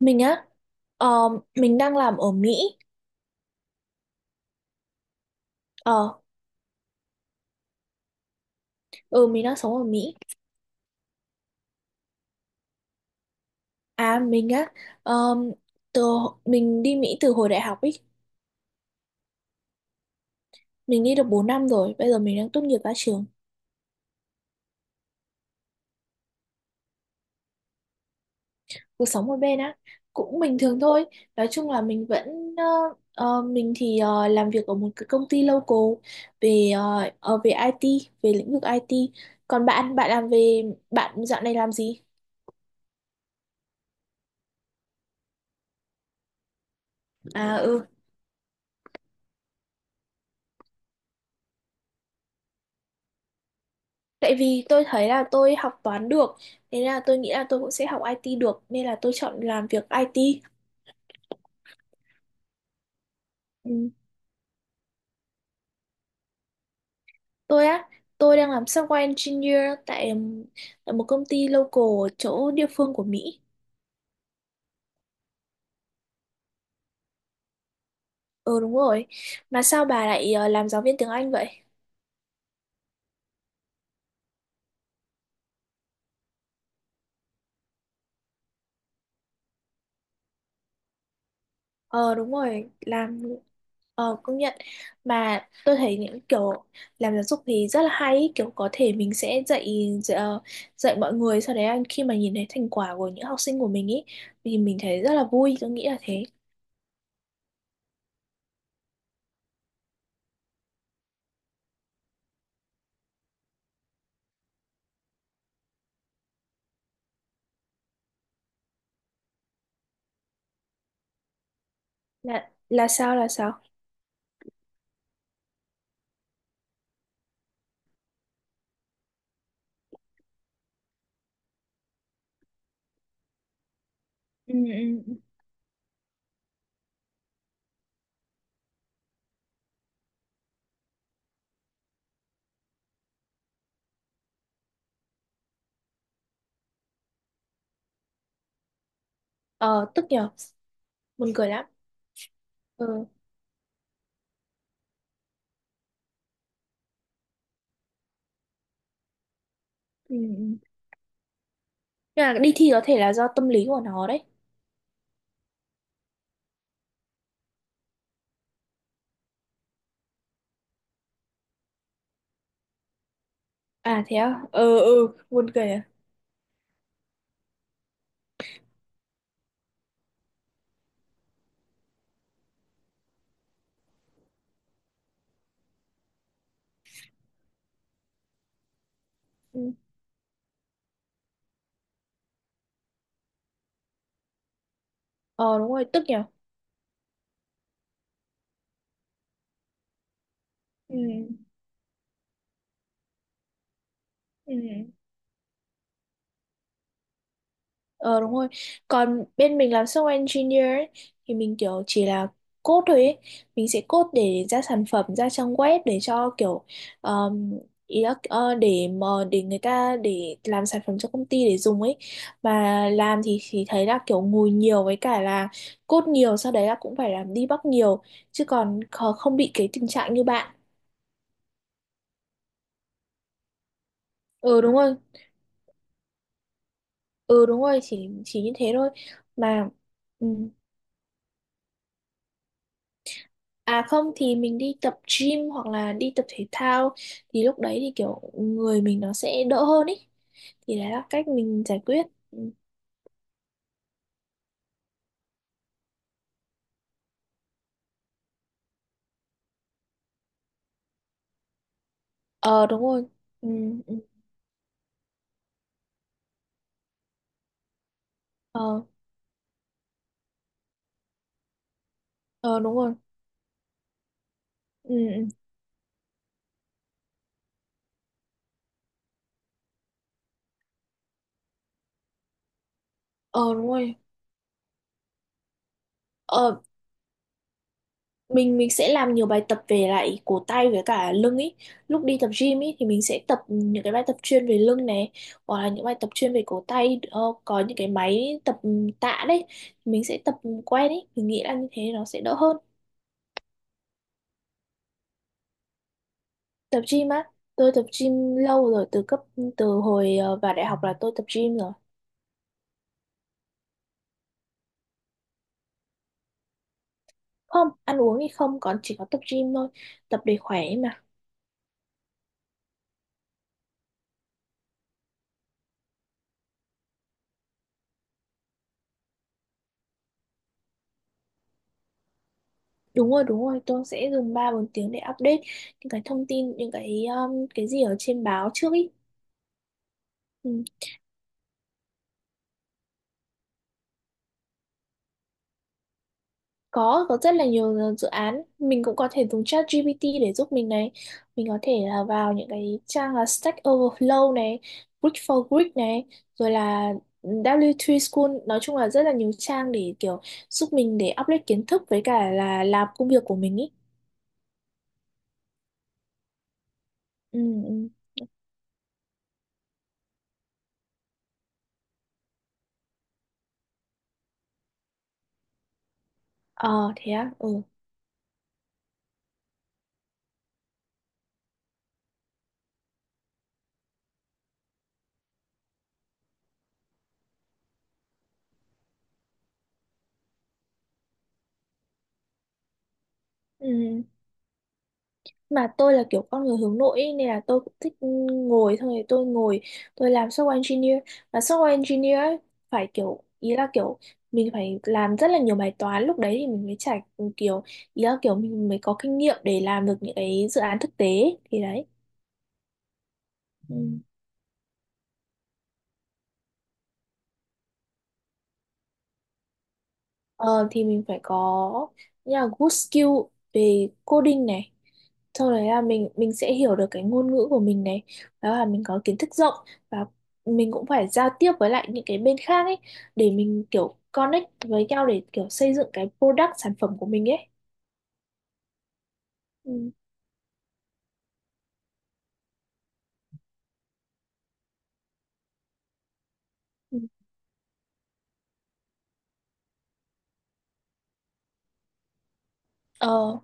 Mình á, ờ, mình đang làm ở Mỹ, ờ, ừ mình đang sống ở Mỹ. À mình á, ờ, từ mình đi Mỹ từ hồi đại học ấy, mình đi được 4 năm rồi, bây giờ mình đang tốt nghiệp ra trường, cuộc sống ở bên á, cũng bình thường thôi. Nói chung là mình thì làm việc ở một cái công ty local về về IT, về lĩnh vực IT. Còn bạn, bạn làm về, Bạn dạo này làm gì? À, ừ. Tại vì tôi thấy là tôi học toán được, thế là tôi nghĩ là tôi cũng sẽ học IT được, nên là tôi chọn làm việc IT. Ừ. Tôi á, tôi đang làm software engineer tại, tại một công ty local ở chỗ địa phương của Mỹ. Ờ đúng rồi. Mà sao bà lại làm giáo viên tiếng Anh vậy? Ờ đúng rồi, làm Ờ, công nhận mà tôi thấy những kiểu làm giáo dục thì rất là hay ý. Kiểu có thể mình sẽ dạy dạy, ờ, dạy mọi người, sau đấy là khi mà nhìn thấy thành quả của những học sinh của mình ý thì mình thấy rất là vui, tôi nghĩ là thế. Là sao? Ừ. Ờ tức nhờ. Buồn cười lắm. Ừ. Ừ, ừ. Nhưng mà đi thi có thể là do tâm lý của nó đấy. À thế à. Ừ, ừ, buồn cười à. Ừ. Ờ đúng rồi, tức nhờ. Ừ, ừ. Ờ đúng rồi. Còn bên mình làm software engineer ấy, thì mình kiểu chỉ là code thôi ấy. Mình sẽ code để ra sản phẩm, ra trang web để cho kiểu um, để mà để người ta, để làm sản phẩm cho công ty để dùng ấy. Mà làm thì thấy là kiểu ngồi nhiều với cả là code nhiều, sau đấy là cũng phải làm debug nhiều chứ còn không bị cái tình trạng như bạn. Ừ đúng rồi. Ừ đúng rồi, chỉ như thế thôi. Mà ừ. À không thì mình đi tập gym hoặc là đi tập thể thao thì lúc đấy thì kiểu người mình nó sẽ đỡ hơn ý. Thì đấy là cách mình giải quyết. Ừ. Ờ đúng rồi. Ừ, ừ. Ờ, ờ đúng rồi. Ừ, ừ. Ờ đúng rồi. Ờ, mình sẽ làm nhiều bài tập về lại cổ tay với cả lưng ý. Lúc đi tập gym ý thì mình sẽ tập những cái bài tập chuyên về lưng này, hoặc là những bài tập chuyên về cổ tay, có những cái máy tập tạ đấy mình sẽ tập quen ý. Mình nghĩ là như thế nó sẽ đỡ hơn. Tập gym á, tôi tập gym lâu rồi, từ hồi vào đại học là tôi tập gym rồi. Không, ăn uống thì không, còn chỉ có tập gym thôi. Tập để khỏe ấy mà. Đúng rồi, tôi sẽ dùng 3 4 tiếng để update những cái thông tin, những cái gì ở trên báo trước ý. Ừ. Có rất là nhiều dự án, mình cũng có thể dùng ChatGPT để giúp mình này, mình có thể là vào những cái trang là Stack Overflow này, Greek for Greek này, rồi là W3 School, nói chung là rất là nhiều trang để kiểu giúp mình để update kiến thức với cả là làm công việc của mình ý. Ừ, ừ. Ờ thế á. Ừ. ừ mà tôi là kiểu con người hướng nội ý, nên là tôi cũng thích ngồi thôi. Tôi làm software engineer, và software engineer ấy, phải kiểu ý là kiểu mình phải làm rất là nhiều bài toán, lúc đấy thì mình mới trải kiểu, ý là kiểu mình mới có kinh nghiệm để làm được những cái dự án thực tế ấy. Thì đấy. Ừ. Ờ, thì mình phải có như là good skill về coding này, sau đấy là mình sẽ hiểu được cái ngôn ngữ của mình này, đó là mình có kiến thức rộng, và mình cũng phải giao tiếp với lại những cái bên khác ấy, để mình kiểu connect với nhau để kiểu xây dựng cái product sản phẩm của mình ấy. Ừ. Ừ. Ờ.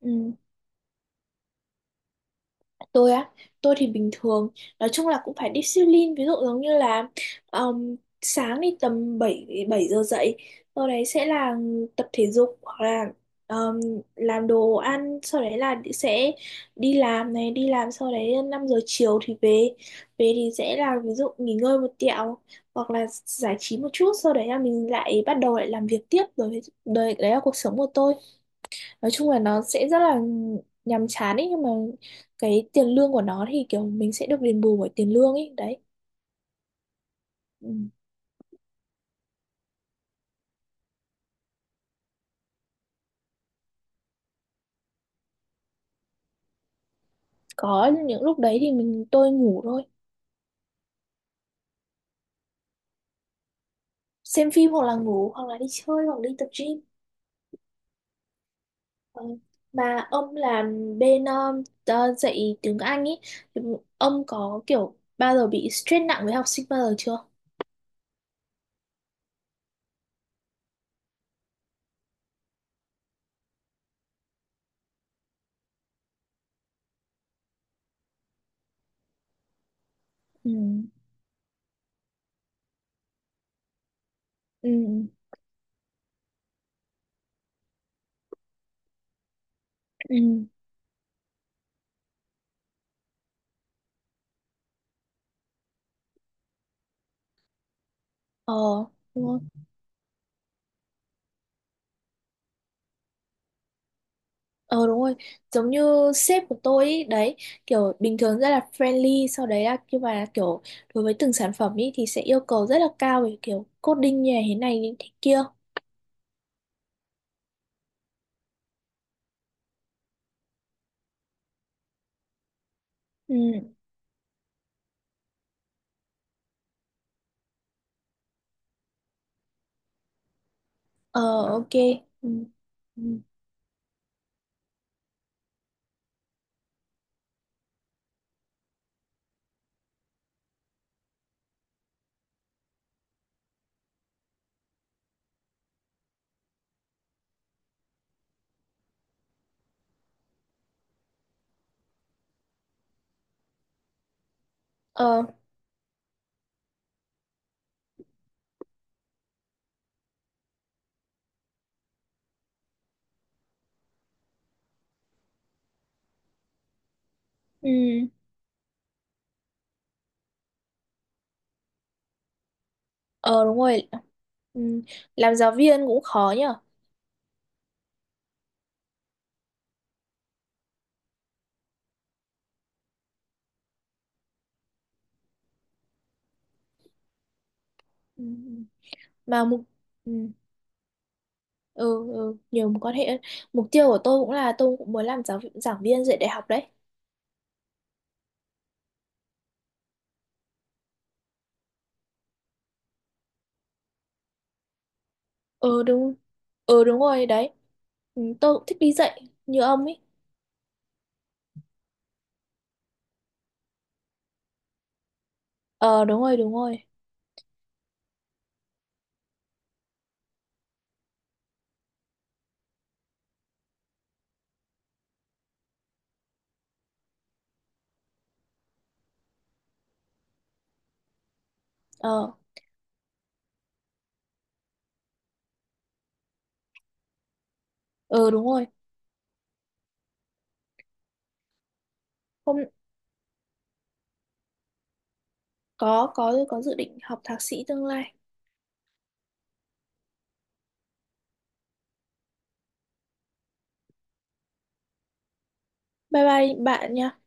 Ừ. Tôi á, tôi thì bình thường, nói chung là cũng phải discipline, ví dụ giống như là um, sáng thì tầm 7 7 giờ dậy, sau đấy sẽ là tập thể dục hoặc là um, làm đồ ăn, sau đấy là sẽ đi làm này, đi làm sau đấy 5 giờ chiều thì về. Về thì sẽ là ví dụ nghỉ ngơi một tẹo hoặc là giải trí một chút, sau đấy là mình lại bắt đầu lại làm việc tiếp rồi, đấy, đấy là cuộc sống của tôi, nói chung là nó sẽ rất là nhàm chán ấy, nhưng mà cái tiền lương của nó thì kiểu mình sẽ được đền bù bởi tiền lương ấy đấy. Ừ. Có những lúc đấy thì tôi ngủ thôi, xem phim hoặc là ngủ hoặc là đi chơi hoặc đi tập gym. Ờ. Mà ông làm bên dạy tiếng Anh ấy, ông có kiểu bao giờ bị stress nặng với học sinh bao giờ chưa? Ừ, ừ, ừ. Ờ đúng. Ờ đúng rồi, giống như sếp của tôi ý, đấy, kiểu bình thường rất là friendly, sau đấy là nhưng mà kiểu đối với từng sản phẩm ý thì sẽ yêu cầu rất là cao về kiểu coding như thế này như thế kia. Ừ, ờ ok. Ừ. Ừ. Ờ, ừ. Ờ đúng rồi. Ừ. Làm giáo viên cũng khó nhở. Ừ. Ừ. Mà mục Ừ. Ừ, ừ, nhiều mối quan hệ. Mục tiêu của tôi cũng là tôi cũng muốn làm giảng viên dạy đại học đấy. Ừ đúng. Ừ đúng rồi đấy. Ừ, tôi cũng thích đi dạy như ông ấy. Ờ đúng rồi, đúng rồi. Ờ, ừ đúng rồi. Hôm có dự định học thạc sĩ tương lai. Bye bye bạn nha.